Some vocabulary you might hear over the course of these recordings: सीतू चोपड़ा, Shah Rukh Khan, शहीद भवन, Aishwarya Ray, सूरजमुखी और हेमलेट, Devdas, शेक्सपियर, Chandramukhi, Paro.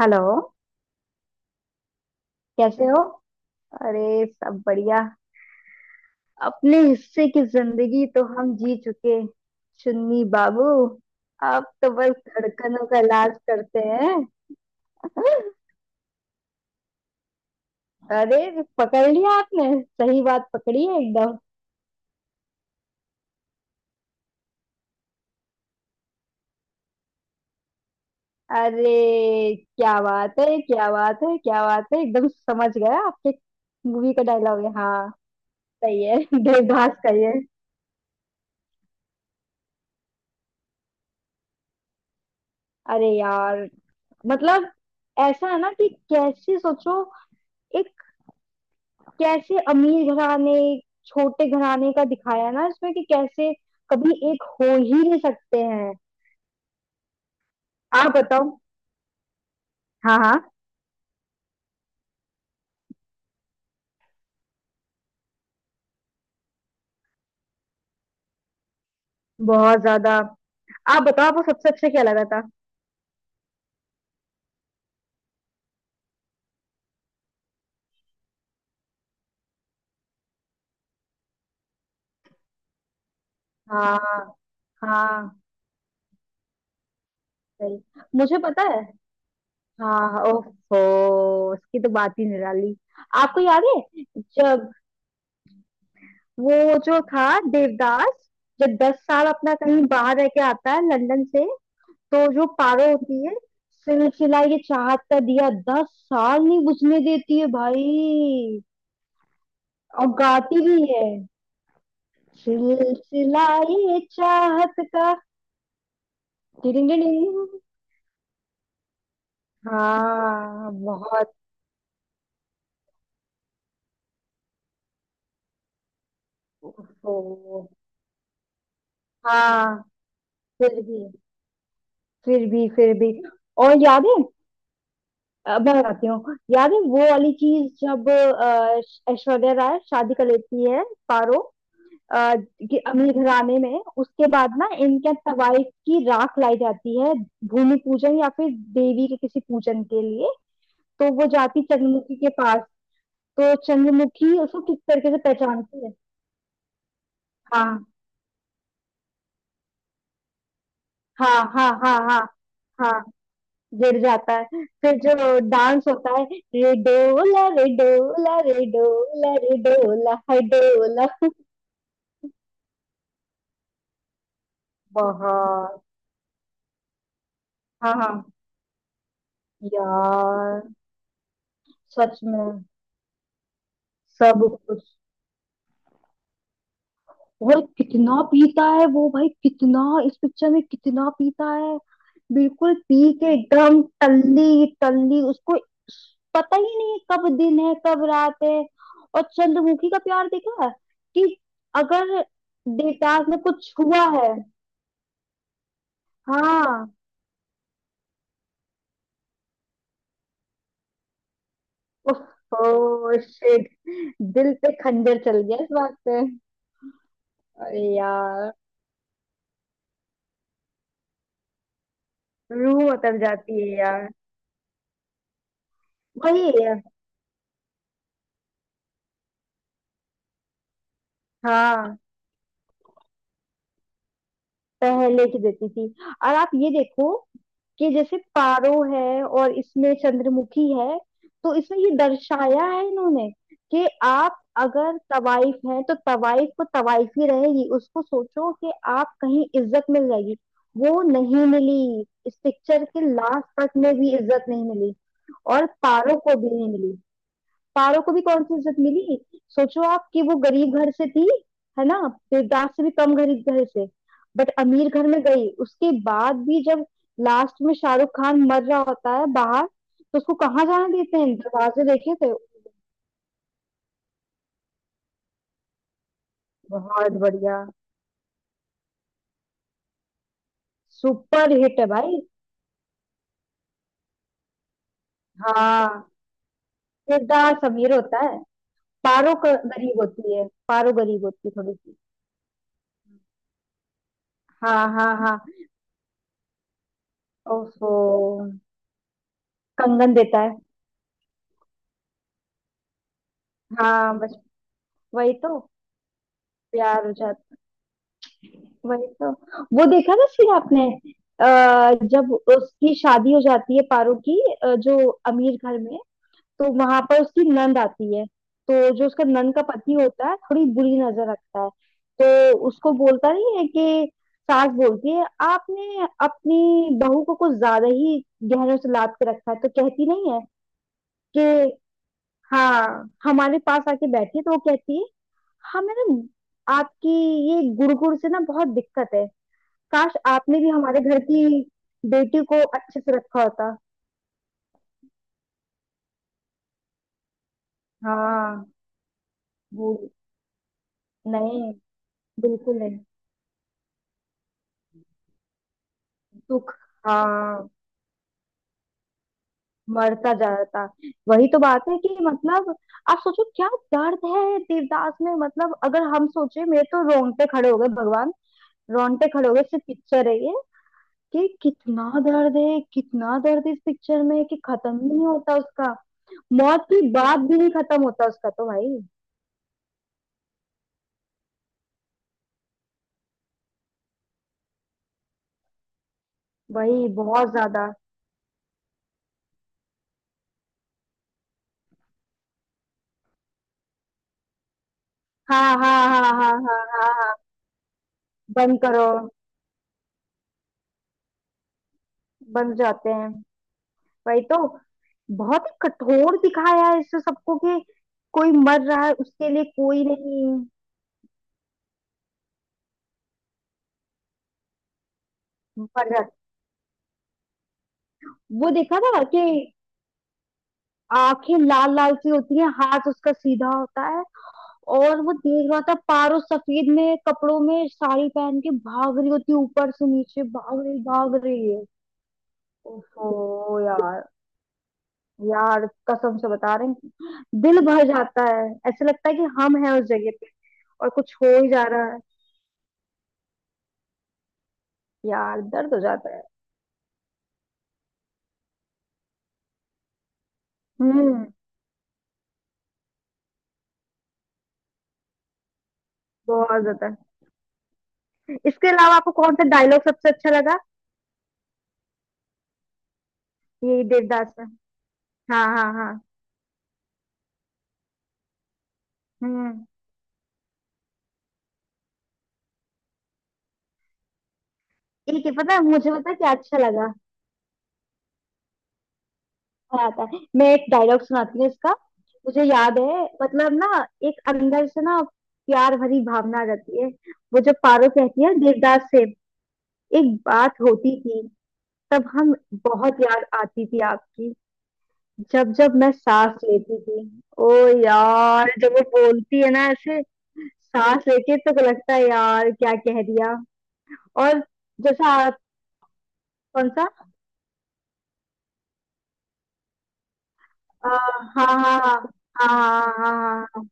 Hello. कैसे हो? अरे सब बढ़िया। अपने हिस्से की जिंदगी तो हम जी चुके, चुन्नी बाबू। अब तो बस धड़कनों का इलाज करते हैं। अरे पकड़ लिया आपने। सही बात पकड़ी है एकदम। अरे क्या बात है, क्या बात है, क्या बात है, एकदम समझ गया आपके। मूवी का डायलॉग है, हाँ। सही है। देवदास का ये। अरे यार, मतलब ऐसा है ना कि कैसे सोचो। एक कैसे अमीर घराने, छोटे घराने का दिखाया है ना इसमें कि कैसे कभी एक हो ही नहीं सकते हैं। आप बताओ। हाँ हाँ, बहुत ज्यादा। आप बताओ, आपको सबसे अच्छा क्या लगा था? हाँ हाँ। सही। मुझे पता है। हाँ, ओहो, उसकी तो बात ही निराली। आपको याद है जब वो, जो था, देवदास, जब 10 साल अपना कहीं बाहर रह के आता है लंदन से? तो जो पारो होती है, सिलसिला ये चाहत का दिया 10 साल नहीं बुझने देती है भाई। और गाती भी है, सिलसिला ये चाहत का। डिडिंग डिडिंग। हाँ बहुत। ओहो। हाँ फिर भी फिर भी फिर भी। और याद है, मैं बताती हूँ। याद है वो वाली चीज जब ऐश्वर्या राय शादी कर लेती है, पारो, अ, कि अमीर घराने में? उसके बाद ना इनके यहाँ तवाइफ की राख लाई जाती है, भूमि पूजन या फिर देवी के किसी पूजन के लिए। तो वो जाती चंद्रमुखी के पास। तो चंद्रमुखी उसको किस तरीके से पहचानती है। हाँ हाँ हाँ हाँ हाँ हाँ। गिर जाता है, फिर जो डांस होता है। रे डोला रे डोला रे डोला रे डोला हाय डोला। बहुत। हाँ हाँ यार, सच में। सब कुछ। और कितना पीता है वो भाई, कितना! इस पिक्चर में कितना पीता है। बिल्कुल पी के एकदम टल्ली टल्ली, उसको पता ही नहीं कब दिन है कब रात है। और चंद्रमुखी का प्यार देखा है कि अगर देवदास ने कुछ छुआ है। हाँ। ओह शिट, दिल पे खंजर चल गया इस बात पे। अरे यार, रूह उतर जाती है यार। वही है। हाँ, पहले की देती थी। और आप ये देखो कि जैसे पारो है और इसमें चंद्रमुखी है। तो इसमें ये दर्शाया है इन्होंने कि आप अगर तवाइफ हैं तो तवाइफ को तवाइफ ही रहेगी, उसको सोचो कि आप कहीं इज्जत मिल जाएगी। वो नहीं मिली, इस पिक्चर के लास्ट तक में भी इज्जत नहीं मिली। और पारो को भी नहीं मिली। पारो को भी कौन सी इज्जत मिली? सोचो आप कि वो गरीब घर से थी, है ना? देवदास से भी कम गरीब घर से। बट अमीर घर में गई उसके बाद भी जब लास्ट में शाहरुख खान मर रहा होता है बाहर, तो उसको कहाँ जाने देते हैं? दरवाजे देखे थे। बहुत बढ़िया। सुपर हिट है भाई। हाँ, देवदास अमीर होता है। पारो क- गरीब होती है, पारो गरीब होती है थोड़ी सी। हाँ हाँ हाँ। ओहो, कंगन देता है। हाँ बस, वही तो, प्यार हो जाता है। वही तो। वो देखा था फिर आपने? जब उसकी शादी हो जाती है, पारो की, जो अमीर घर में, तो वहां पर उसकी नंद आती है। तो जो उसका नंद का पति होता है, थोड़ी बुरी नजर रखता है। तो उसको बोलता नहीं है कि, सास बोलती है आपने अपनी बहू को कुछ ज्यादा ही गहनों से लाद के रखा है। तो कहती नहीं है कि हाँ, हमारे पास आके बैठी है। तो वो कहती है, हाँ मैडम आपकी ये गुड़ गुड़ से ना बहुत दिक्कत है। काश आपने भी हमारे घर की बेटी को अच्छे से रखा होता। हाँ, वो। नहीं, बिल्कुल नहीं। दुख, हाँ। मरता जाता। वही तो बात है कि, मतलब, आप सोचो क्या दर्द है देवदास में। मतलब अगर हम सोचे, मेरे तो रोंगटे खड़े हो गए भगवान! रोंगटे खड़े हो गए, सिर्फ पिक्चर है ये। कि कितना दर्द है, कितना दर्द है इस पिक्चर में, कि खत्म ही नहीं होता उसका। मौत की बात भी नहीं खत्म होता उसका, तो भाई। वही, बहुत ज्यादा। हाँ हाँ हाँ हाँ हाँ हाँ हाँ हाँ, बंद करो। बंद जाते हैं। वही तो। बहुत ही कठोर दिखाया है इसमें सबको कि कोई मर रहा है उसके लिए कोई नहीं। मर रहा है। वो देखा था कि आंखें लाल लाल सी होती है, हाथ उसका सीधा होता है। और वो देख रहा था पारो सफेद में कपड़ों में साड़ी पहन के भाग रही होती है, ऊपर से नीचे भाग रही है। ओहो यार, यार कसम से बता रहे हैं, दिल भर जाता है। ऐसे लगता है कि हम हैं उस जगह पे, और कुछ हो ही जा रहा है। यार दर्द हो जाता है। हम्म बहुत ज्यादा। इसके अलावा आपको कौन सा डायलॉग सबसे अच्छा लगा? ये देवदास में। हाँ हाँ हाँ। हम्म एक ही पता है, मुझे पता है क्या अच्छा लगा। आता है, मैं एक डायलॉग सुनाती हूँ इसका। मुझे याद है, मतलब ना, एक अंदर से ना प्यार भरी भावना आ जाती है। वो जब पारो कहती है देवदास से, एक बात होती थी तब, हम बहुत याद आती थी आपकी, जब जब मैं सांस लेती थी। ओ यार, जब वो बोलती है ना ऐसे सांस लेके, तो लगता है यार क्या कह दिया। और जैसा आप-। कौन सा? आ, हाँ हाँ हाँ हाँ हाँ हाँ हाँ,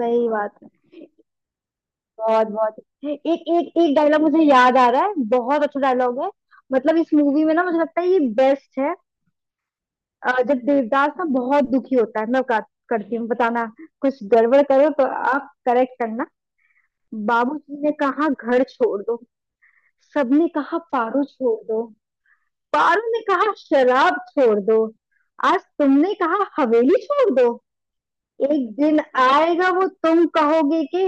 सही बात है, बहुत बहुत। एक एक एक डायलॉग मुझे याद आ रहा है, बहुत अच्छा डायलॉग है। मतलब इस मूवी में ना मुझे लगता है ये बेस्ट है। जब देवदास ना बहुत दुखी होता है, मैं बात करती हूँ, बताना कुछ गड़बड़ करो तो, आप करेक्ट करना। बाबूजी ने कहा घर छोड़ दो, सबने कहा पारो छोड़ दो, पारो ने कहा शराब छोड़ दो, आज तुमने कहा हवेली छोड़ दो, एक दिन आएगा वो तुम कहोगे कि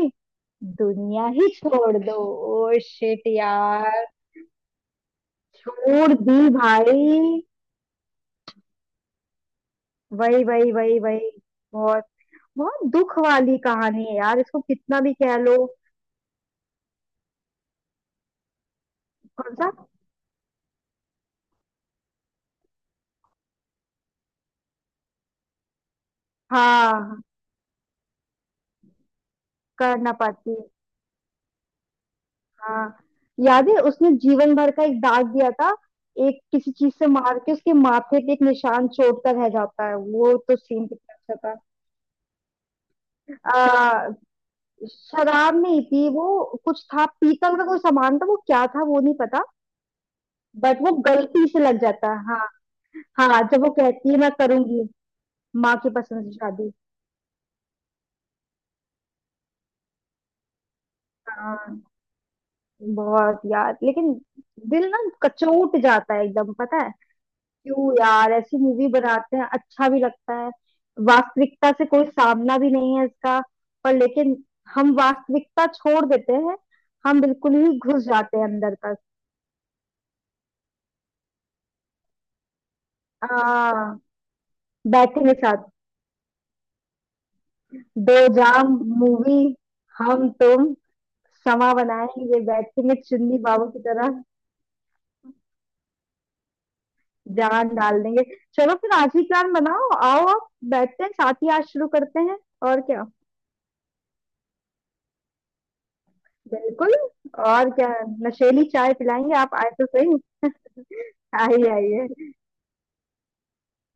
दुनिया ही छोड़ दो। ओ शिट यार। छोड़ दी भाई। वही वही वही वही। बहुत। बहुत दुख वाली कहानी है यार, इसको कितना भी कह लो। कौन सा? हाँ, कर ना पाती। हाँ, याद है उसने जीवन भर का एक दाग दिया था? एक किसी चीज से मार के उसके माथे पे एक निशान चोट का रह जाता है, वो तो सीन कितना अच्छा था। शराब नहीं थी वो, कुछ था पीतल का कोई सामान था। वो क्या था वो नहीं पता। बट वो गलती से लग जाता है हाँ। हाँ, जब वो कहती है मैं करूंगी माँ की पसंद से शादी। हाँ, बहुत यार लेकिन। दिल ना कचोट जाता है एकदम, पता है? क्यों यार ऐसी मूवी बनाते हैं, अच्छा भी लगता है। वास्तविकता से कोई सामना भी नहीं है इसका, पर लेकिन हम वास्तविकता छोड़ देते हैं, हम बिल्कुल ही घुस जाते हैं अंदर तक। हाँ, बैठेंगे साथ। दो जाम, मूवी, हम तुम, समा बनाएंगे, बैठेंगे चुन्नी बाबू की तरह। जान डाल देंगे। चलो फिर आज ही प्लान बनाओ, आओ, आप बैठते हैं साथ ही, आज शुरू करते हैं। और क्या, बिल्कुल। और क्या, नशेली चाय पिलाएंगे, आप आए तो सही। आइए आइए।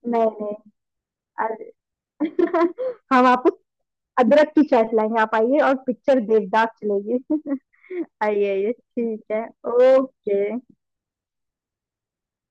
नहीं नहीं। अरे हम आपको अदरक की चाय पिलाएंगे, आप आइए और पिक्चर देवदास चलेगी। आइए आइए, ठीक है। ओके।